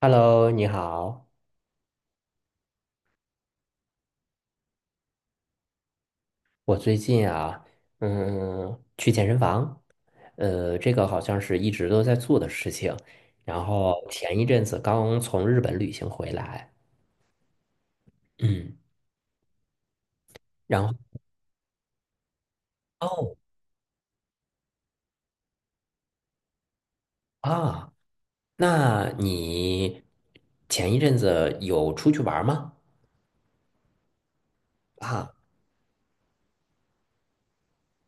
Hello，你好。我最近啊，去健身房，这个好像是一直都在做的事情。然后前一阵子刚从日本旅行回来，嗯，然后哦啊，那你前一阵子有出去玩儿吗？啊，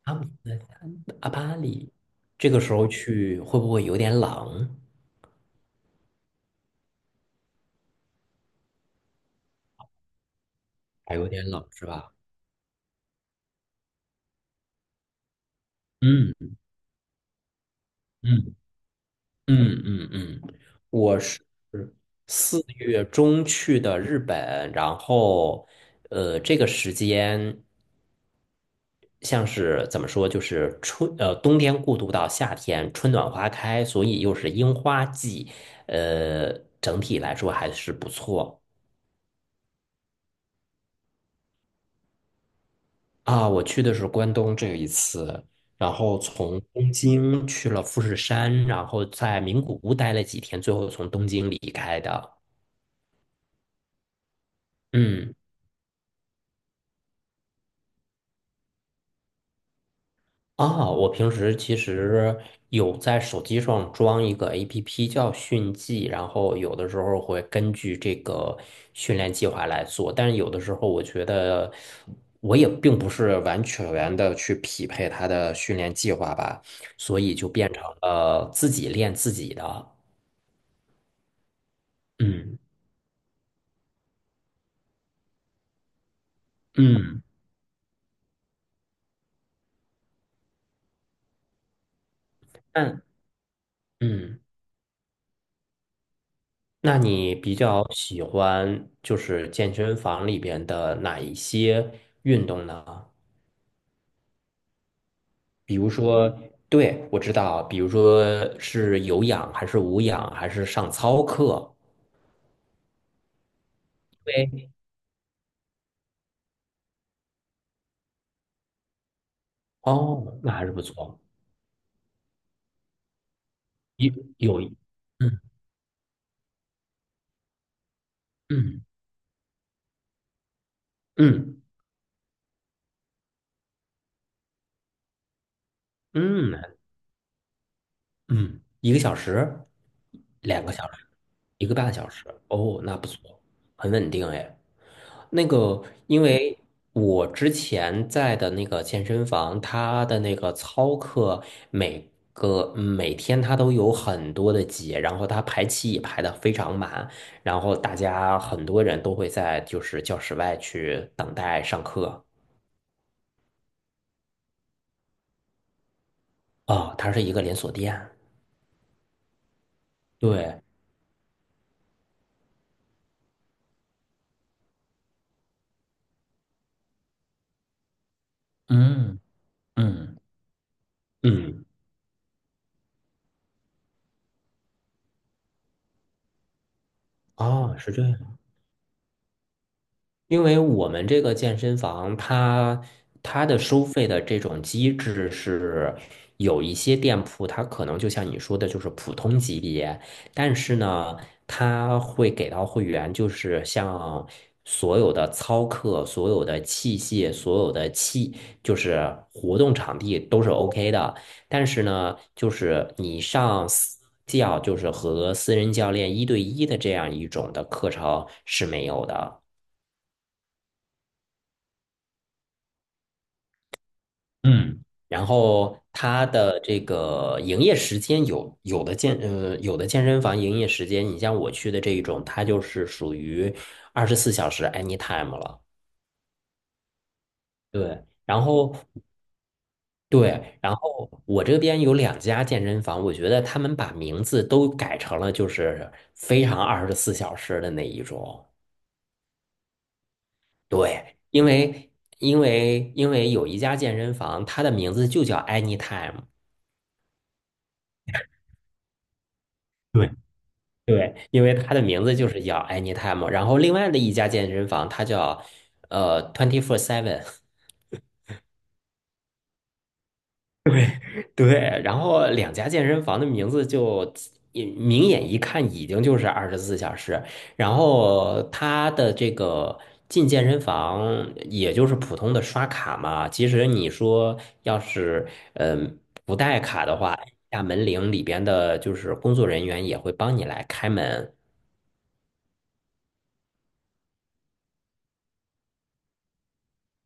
阿姆斯阿巴里，这个时候去会不会有点冷？还有点冷是吧？嗯嗯嗯嗯嗯，我是4月中去的日本，然后这个时间像是怎么说，就是冬天过渡到夏天，春暖花开，所以又是樱花季，呃，整体来说还是不错啊。我去的是关东这一次，然后从东京去了富士山，然后在名古屋待了几天，最后从东京离开的。嗯啊，我平时其实有在手机上装一个 APP 叫迅记，然后有的时候会根据这个训练计划来做，但是有的时候我觉得我也并不是完全的去匹配它的训练计划吧，所以就变成了自己练自己的。嗯嗯，那嗯，那你比较喜欢就是健身房里边的哪一些运动呢？比如说，对，我知道，比如说是有氧还是无氧，还是上操课，对，哦，那还是不错，有有，嗯嗯嗯嗯，嗯，1个小时，2个小时，1个半小时，哦，那不错，很稳定哎。那个，因为我之前在的那个健身房，它的那个操课每天它都有很多的节，然后它排期也排的非常满，然后大家很多人都会在就是教室外去等待上课。哦，它是一个连锁店。对，嗯嗯，嗯，哦，是这样。因为我们这个健身房它的收费的这种机制是有一些店铺，它可能就像你说的，就是普通级别，但是呢，它会给到会员，就是像所有的操课、所有的器械、所有的器，就是活动场地都是 OK 的，但是呢，就是你上私教，就是和私人教练一对一的这样一种的课程是没有的。嗯然后它的这个营业时间有的健身房营业时间，你像我去的这一种，它就是属于二十四小时 anytime 了。对，然后对，然后我这边有两家健身房，我觉得他们把名字都改成了就是非常二十四小时的那一种。对，因为有一家健身房，它的名字就叫 anytime。对。对，因为它的名字就是叫 Anytime，然后另外的一家健身房它叫Twenty Four Seven，对，然后两家健身房的名字就也明眼一看已经就是二十四小时，然后它的这个进健身房也就是普通的刷卡嘛，其实你说要是嗯不带卡的话，按下门铃里边的就是工作人员也会帮你来开门，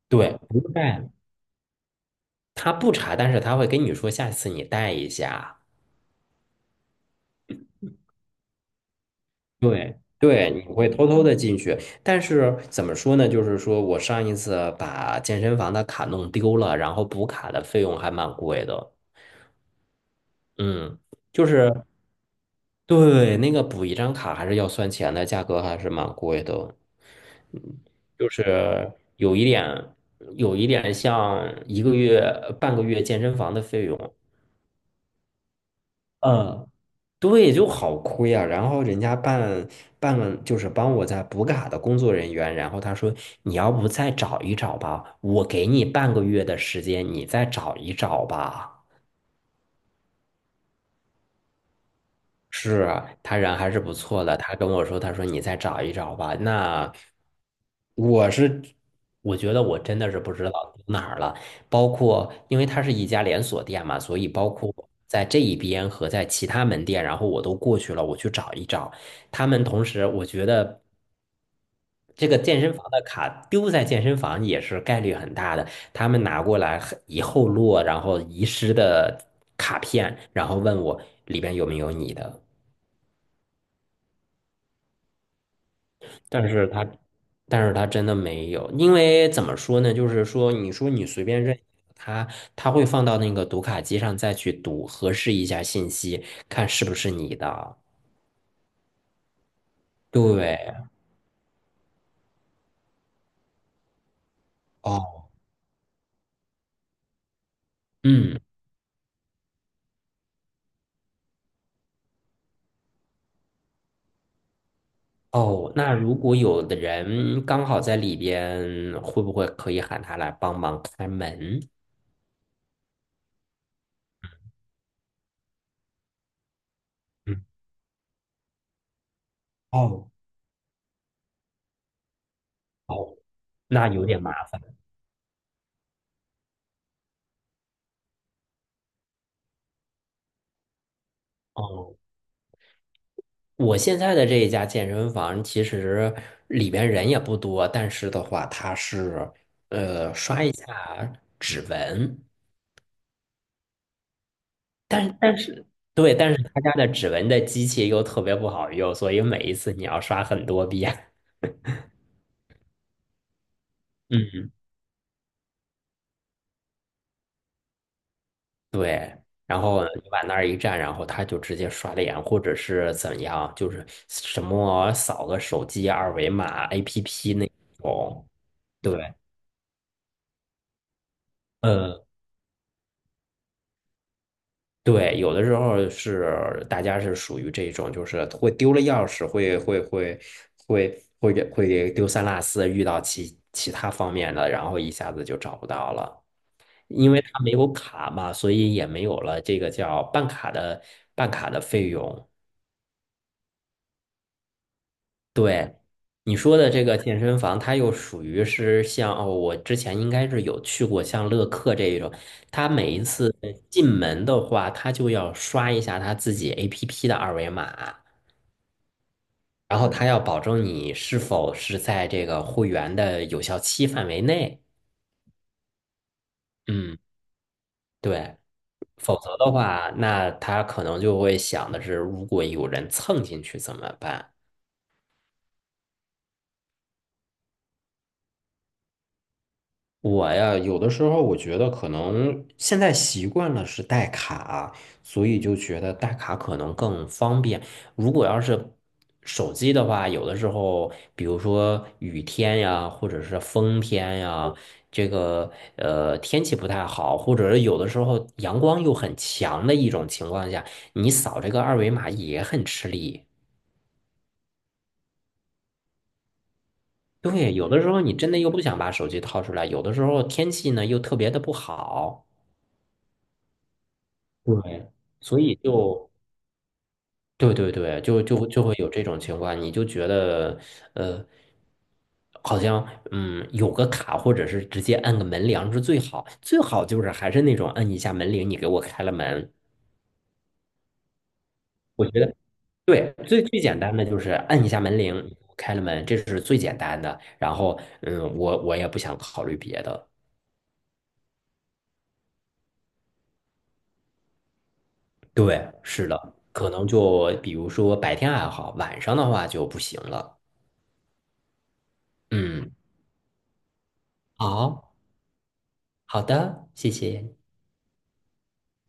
对，不带。他不查，但是他会跟你说下次你带一下。对，对，你会偷偷的进去，但是怎么说呢？就是说我上一次把健身房的卡弄丢了，然后补卡的费用还蛮贵的。嗯，就是对那个补一张卡还是要算钱的，价格还是蛮贵的。嗯，就是有一点，像一个月、半个月健身房的费用。嗯。对，就好亏啊。然后人家办了，就是帮我在补卡的工作人员，然后他说你要不再找一找吧，我给你半个月的时间，你再找一找吧。是啊，他人还是不错的。他跟我说，他说你再找一找吧。那我是，我觉得我真的是不知道丢哪儿了。包括因为它是一家连锁店嘛，所以包括在这一边和在其他门店，然后我都过去了，我去找一找。他们同时，我觉得这个健身房的卡丢在健身房也是概率很大的。他们拿过来以后落，然后遗失的卡片，然后问我里边有没有你的。但是他，但是他真的没有，因为怎么说呢？就是说，你说你随便认他，他会放到那个读卡机上再去读，核实一下信息，看是不是你的。对，哦，嗯，哦，那如果有的人刚好在里边，会不会可以喊他来帮忙开门？嗯，哦，哦，那有点麻烦。哦。我现在的这一家健身房，其实里边人也不多，但是的话，它是刷一下指纹，但是对，但是他家的指纹的机器又特别不好用，所以每一次你要刷很多遍。嗯，对。然后你往那儿一站，然后他就直接刷脸，或者是怎样，就是什么扫个手机二维码 APP 那种。对。呃对，有的时候是大家是属于这种，就是会丢了钥匙，会丢三落四，遇到其他方面的，然后一下子就找不到了，因为他没有卡嘛，所以也没有了这个叫办卡的费用。对，你说的这个健身房，它又属于是我之前应该是有去过像乐客这一种，它每一次进门的话，它就要刷一下它自己 APP 的二维码，然后他要保证你是否是在这个会员的有效期范围内。嗯，对，否则的话，那他可能就会想的是，如果有人蹭进去怎么办？我呀，有的时候我觉得可能现在习惯了是带卡啊，所以就觉得带卡可能更方便。如果要是手机的话，有的时候，比如说雨天呀，或者是风天呀，这个天气不太好，或者是有的时候阳光又很强的一种情况下，你扫这个二维码也很吃力。对，有的时候你真的又不想把手机掏出来，有的时候天气呢又特别的不好。对，所以就对对对，就会有这种情况，你就觉得呃，好像有个卡，或者是直接按个门铃是最好，最好就是还是那种按一下门铃，你给我开了门。我觉得对，最最简单的就是按一下门铃，开了门，这是最简单的。然后我也不想考虑别的。对，是的，可能就比如说白天还好，晚上的话就不行了。嗯，好。好的，谢谢，